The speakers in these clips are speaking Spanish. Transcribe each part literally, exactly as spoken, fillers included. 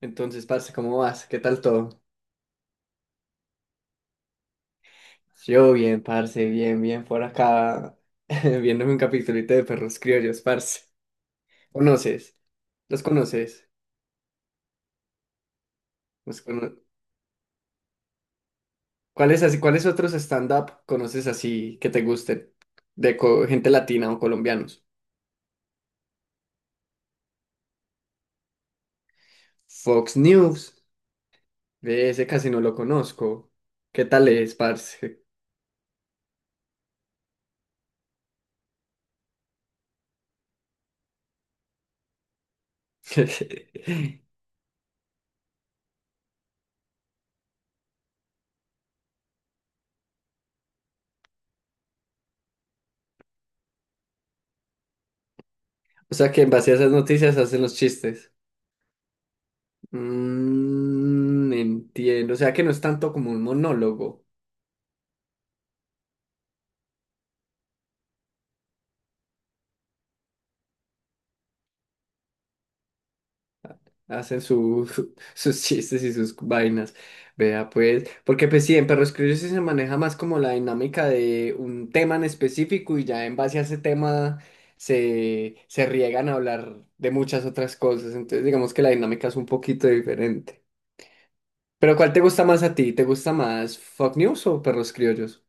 Entonces, parce, ¿cómo vas? ¿Qué tal todo? Yo bien, parce, bien, bien, por acá, viéndome un capitulito de perros criollos, parce. ¿Conoces? ¿Los conoces? ¿Los cono- ¿Cuáles así, cuáles otros stand-up conoces así que te gusten? De co- gente latina o colombianos. Fox News, ve, ese casi no lo conozco. ¿Qué tal es, parce? O sea que en base a esas noticias hacen los chistes. Mm, entiendo, o sea que no es tanto como un monólogo, hacen su- su- sus chistes y sus vainas, vea pues, porque pues sí, en Perros Criollos sí se maneja más como la dinámica de un tema en específico y ya en base a ese tema se, se riegan a hablar de muchas otras cosas, entonces digamos que la dinámica es un poquito diferente. Pero ¿cuál te gusta más a ti? ¿Te gusta más Fox News o Perros Criollos?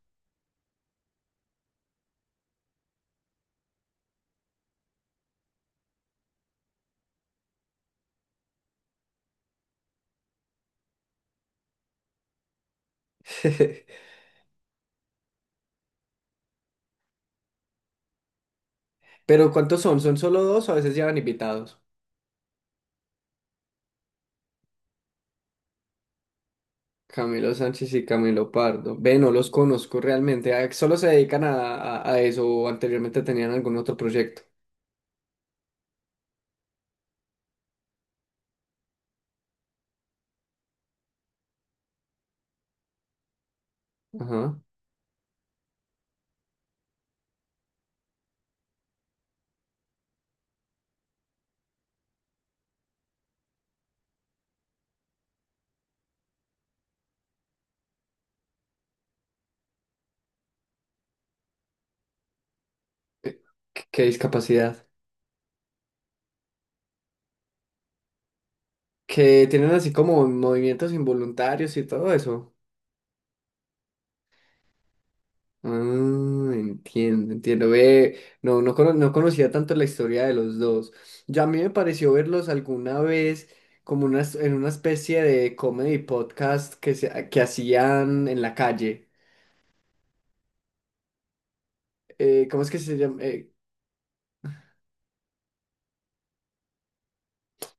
Pero ¿cuántos son? ¿Son solo dos o a veces llevan invitados? Camilo Sánchez y Camilo Pardo. Ve, no los conozco realmente. Ah, solo se dedican a, a, a eso o anteriormente tenían algún otro proyecto. Ajá. Eh, Qué, qué discapacidad. Que tienen así como movimientos involuntarios y todo eso. Ah, entiendo, entiendo. Ve, no, no, cono- no conocía tanto la historia de los dos. Ya a mí me pareció verlos alguna vez como una, en una especie de comedy podcast que, se, que hacían en la calle eh, ¿cómo es que se llama?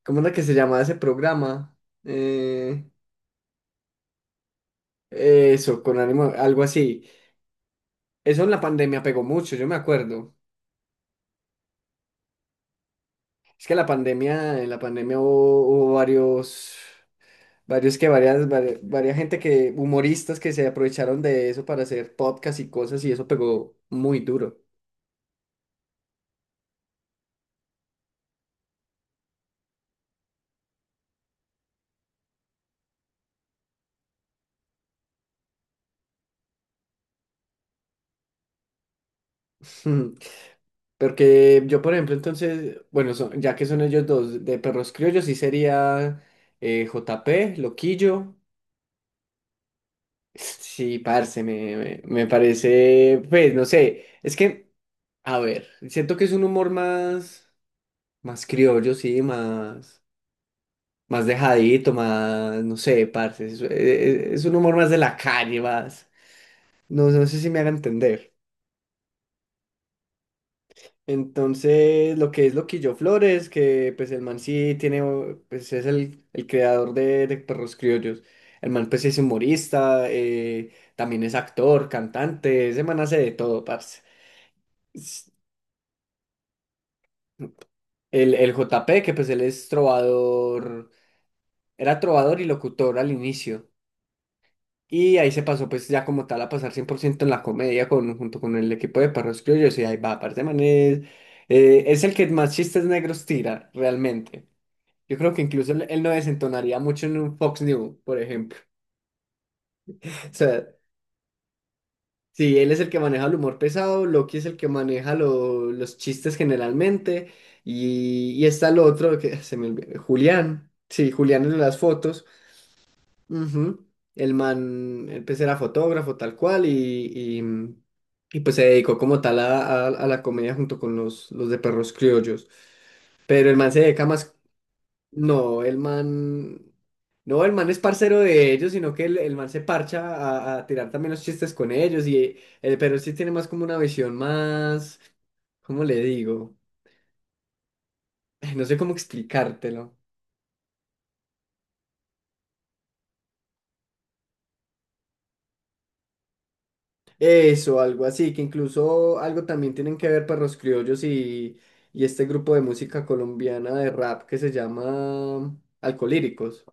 ¿Cómo era que se llamaba ese programa? Eh, eso, con ánimo, algo así. Eso en la pandemia pegó mucho, yo me acuerdo. Es que la pandemia, en la pandemia hubo, hubo varios, varios que varias, varias, varias gente que, humoristas que se aprovecharon de eso para hacer podcasts y cosas y eso pegó muy duro. Porque yo, por ejemplo, entonces, bueno, son- ya que son ellos dos, de Perros Criollos sí sería eh, J P, Loquillo. Sí, parce, me, me, me parece, pues, no sé, es que, a ver, siento que es un humor más, más criollo, sí, más, más dejadito, más, no sé, parce, es, es- es un humor más de la calle, más, no, no sé si me haga entender. Entonces, lo que es Loquillo Flores, que pues el man sí tiene, o- pues es el, el creador de, de Perros Criollos, el man pues es humorista, eh, también es actor, cantante, ese man hace de todo, parce. El, el J P que pues él es trovador, era trovador y locutor al inicio. Y ahí se pasó pues ya como tal a pasar cien por ciento en la comedia con, junto con el equipo de Perros Criollos y ahí va, aparte man es, eh, es el que más chistes negros tira realmente. Yo creo que incluso él, él no desentonaría mucho en un Fox News, por ejemplo. O sea, sí, él es el que maneja el humor pesado, Loki es el que maneja lo- los chistes generalmente y, y está el otro que se me olvidó, Julián. Sí, Julián en las fotos. Ujú. El man, eh, pues era fotógrafo tal cual y, y, mm, y, pues se dedicó como tal a, a- a la comedia junto con los, los de perros criollos. Pero el man se dedica más, no, el man, no, el man es parcero de ellos, sino que el, el man se parcha a, a tirar también los chistes con ellos y eh, el pero sí tiene más como una visión más, ¿cómo le digo? No sé cómo explicártelo. Eso, algo así, que incluso algo también tienen que ver Perros Criollos y, y este grupo de música colombiana de rap que se llama Alcolíricos.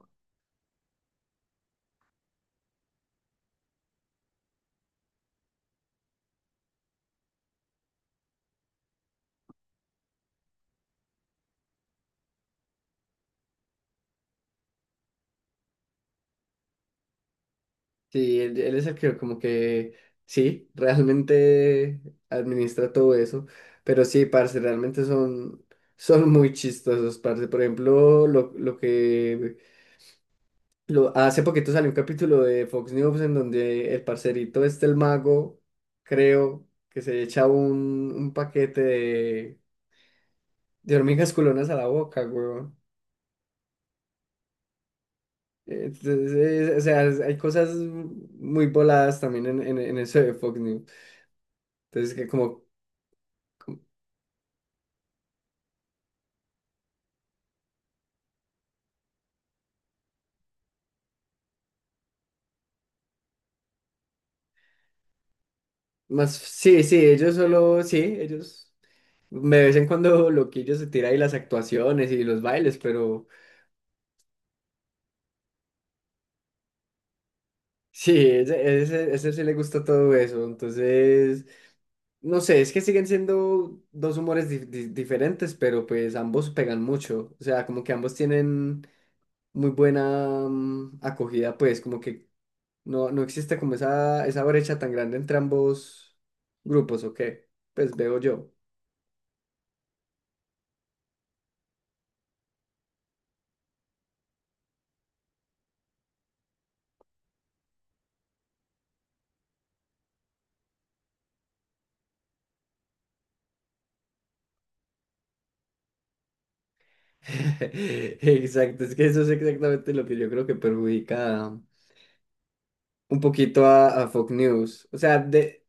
Sí, él, él es el que como que, sí, realmente administra todo eso, pero sí, parce, realmente son, son muy chistosos, parce. Por ejemplo, lo, lo que Lo, hace poquito salió un capítulo de Fox News en donde el parcerito este, el mago, creo que se echa un, un paquete de, de hormigas culonas a la boca, weón. Entonces, eh, o sea, es- hay cosas muy voladas también en, en, en eso de Fox News. Entonces, que como más, sí, sí, ellos solo, sí, ellos, de vez en cuando Loquillo se tira ahí las actuaciones y los bailes, pero sí, ese, ese, ese sí le gusta todo eso. Entonces... No sé, es que siguen siendo dos humores dif- di- diferentes, pero pues ambos pegan mucho. O sea, como que ambos tienen muy buena mm, acogida, pues como que no, no existe como esa, esa brecha tan grande entre ambos grupos, ¿o qué? Pues veo yo. Exacto, es que eso es exactamente lo que yo creo que perjudica un poquito a, a Fox News. O sea, de...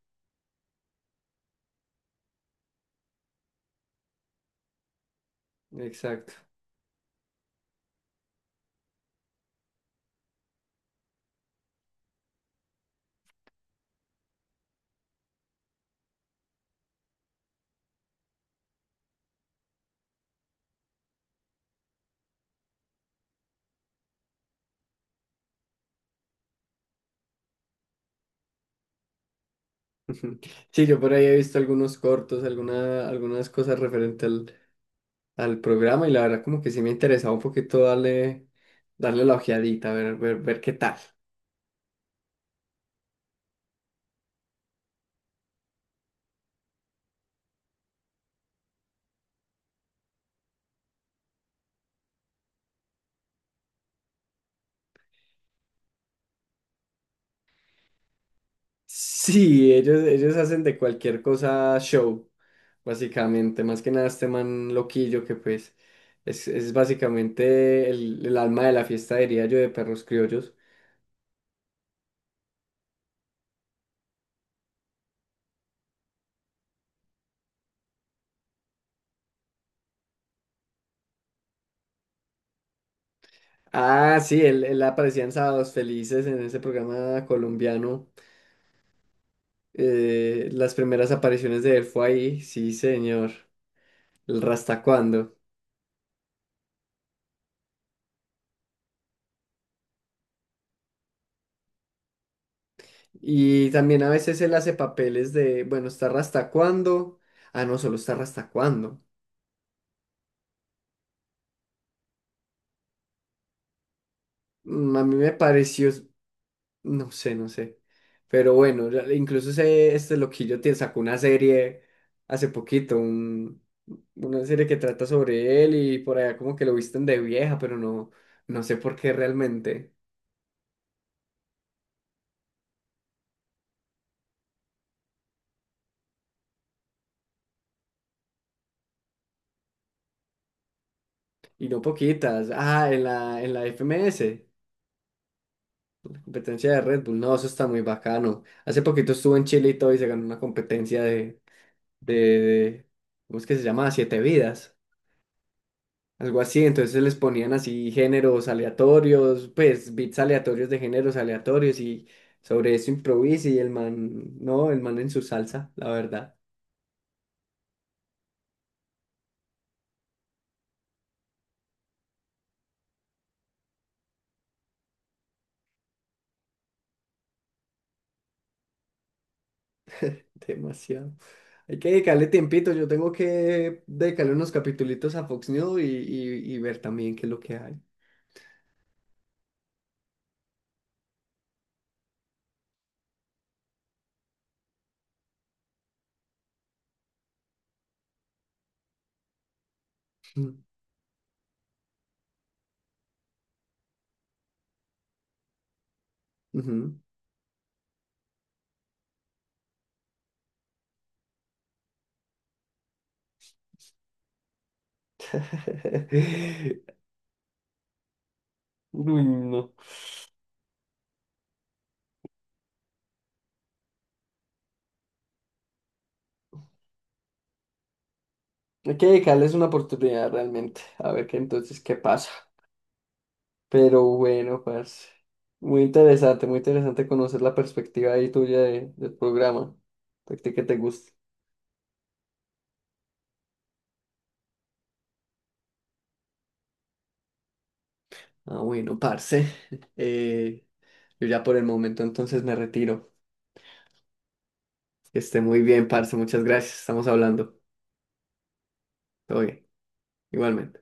Exacto. Sí, yo por ahí he visto algunos cortos, alguna, algunas cosas referentes al programa y la verdad como que sí me interesaba un poquito darle, darle la ojeadita, ver, ver, ver qué tal. Sí, ellos, ellos hacen de cualquier cosa show, básicamente. Más que nada este man loquillo que pues es, es básicamente el, el alma de la fiesta, diría yo, de Perros Criollos. Ah, sí, él, él aparecía en Sábados Felices en ese programa colombiano. Eh, las primeras apariciones de él fue ahí, sí, señor. El Rastacuando. Y también a veces él hace papeles de, bueno, ¿estar hasta cuándo? Ah, no, solo estar hasta cuándo. Mm, A mí me pareció, no sé, no sé. Pero bueno, ya- incluso ese, este loquillo te sacó una serie hace poquito, un- una serie que trata sobre él y por allá como que lo visten de vieja, pero no, no sé por qué realmente. Y no poquitas. Ah, en la, en la F M S, la competencia de Red Bull. No, eso está muy bacano. Hace poquito estuvo en Chile y todo y se ganó una competencia de... de, ¿cómo es que se llama? Siete vidas, algo así. Entonces les ponían así géneros aleatorios, pues beats aleatorios de géneros aleatorios y sobre eso improvisa y el man, no, el man en su salsa, la verdad, demasiado. Hay que dedicarle tiempito, yo tengo que dedicarle unos capitulitos a Fox News y, y- y ver también qué es lo que hay. Mm, Ujú. Uy, no. Hay que dedicarles una oportunidad realmente, a ver qué entonces qué pasa. Pero bueno, pues muy interesante, muy interesante conocer la perspectiva ahí tuya de- del programa. De ti que te gusta. Ah, bueno, parce. eh, yo ya por el momento entonces me retiro. Que esté muy bien, parce. Muchas gracias. Estamos hablando. Todo bien. Igualmente.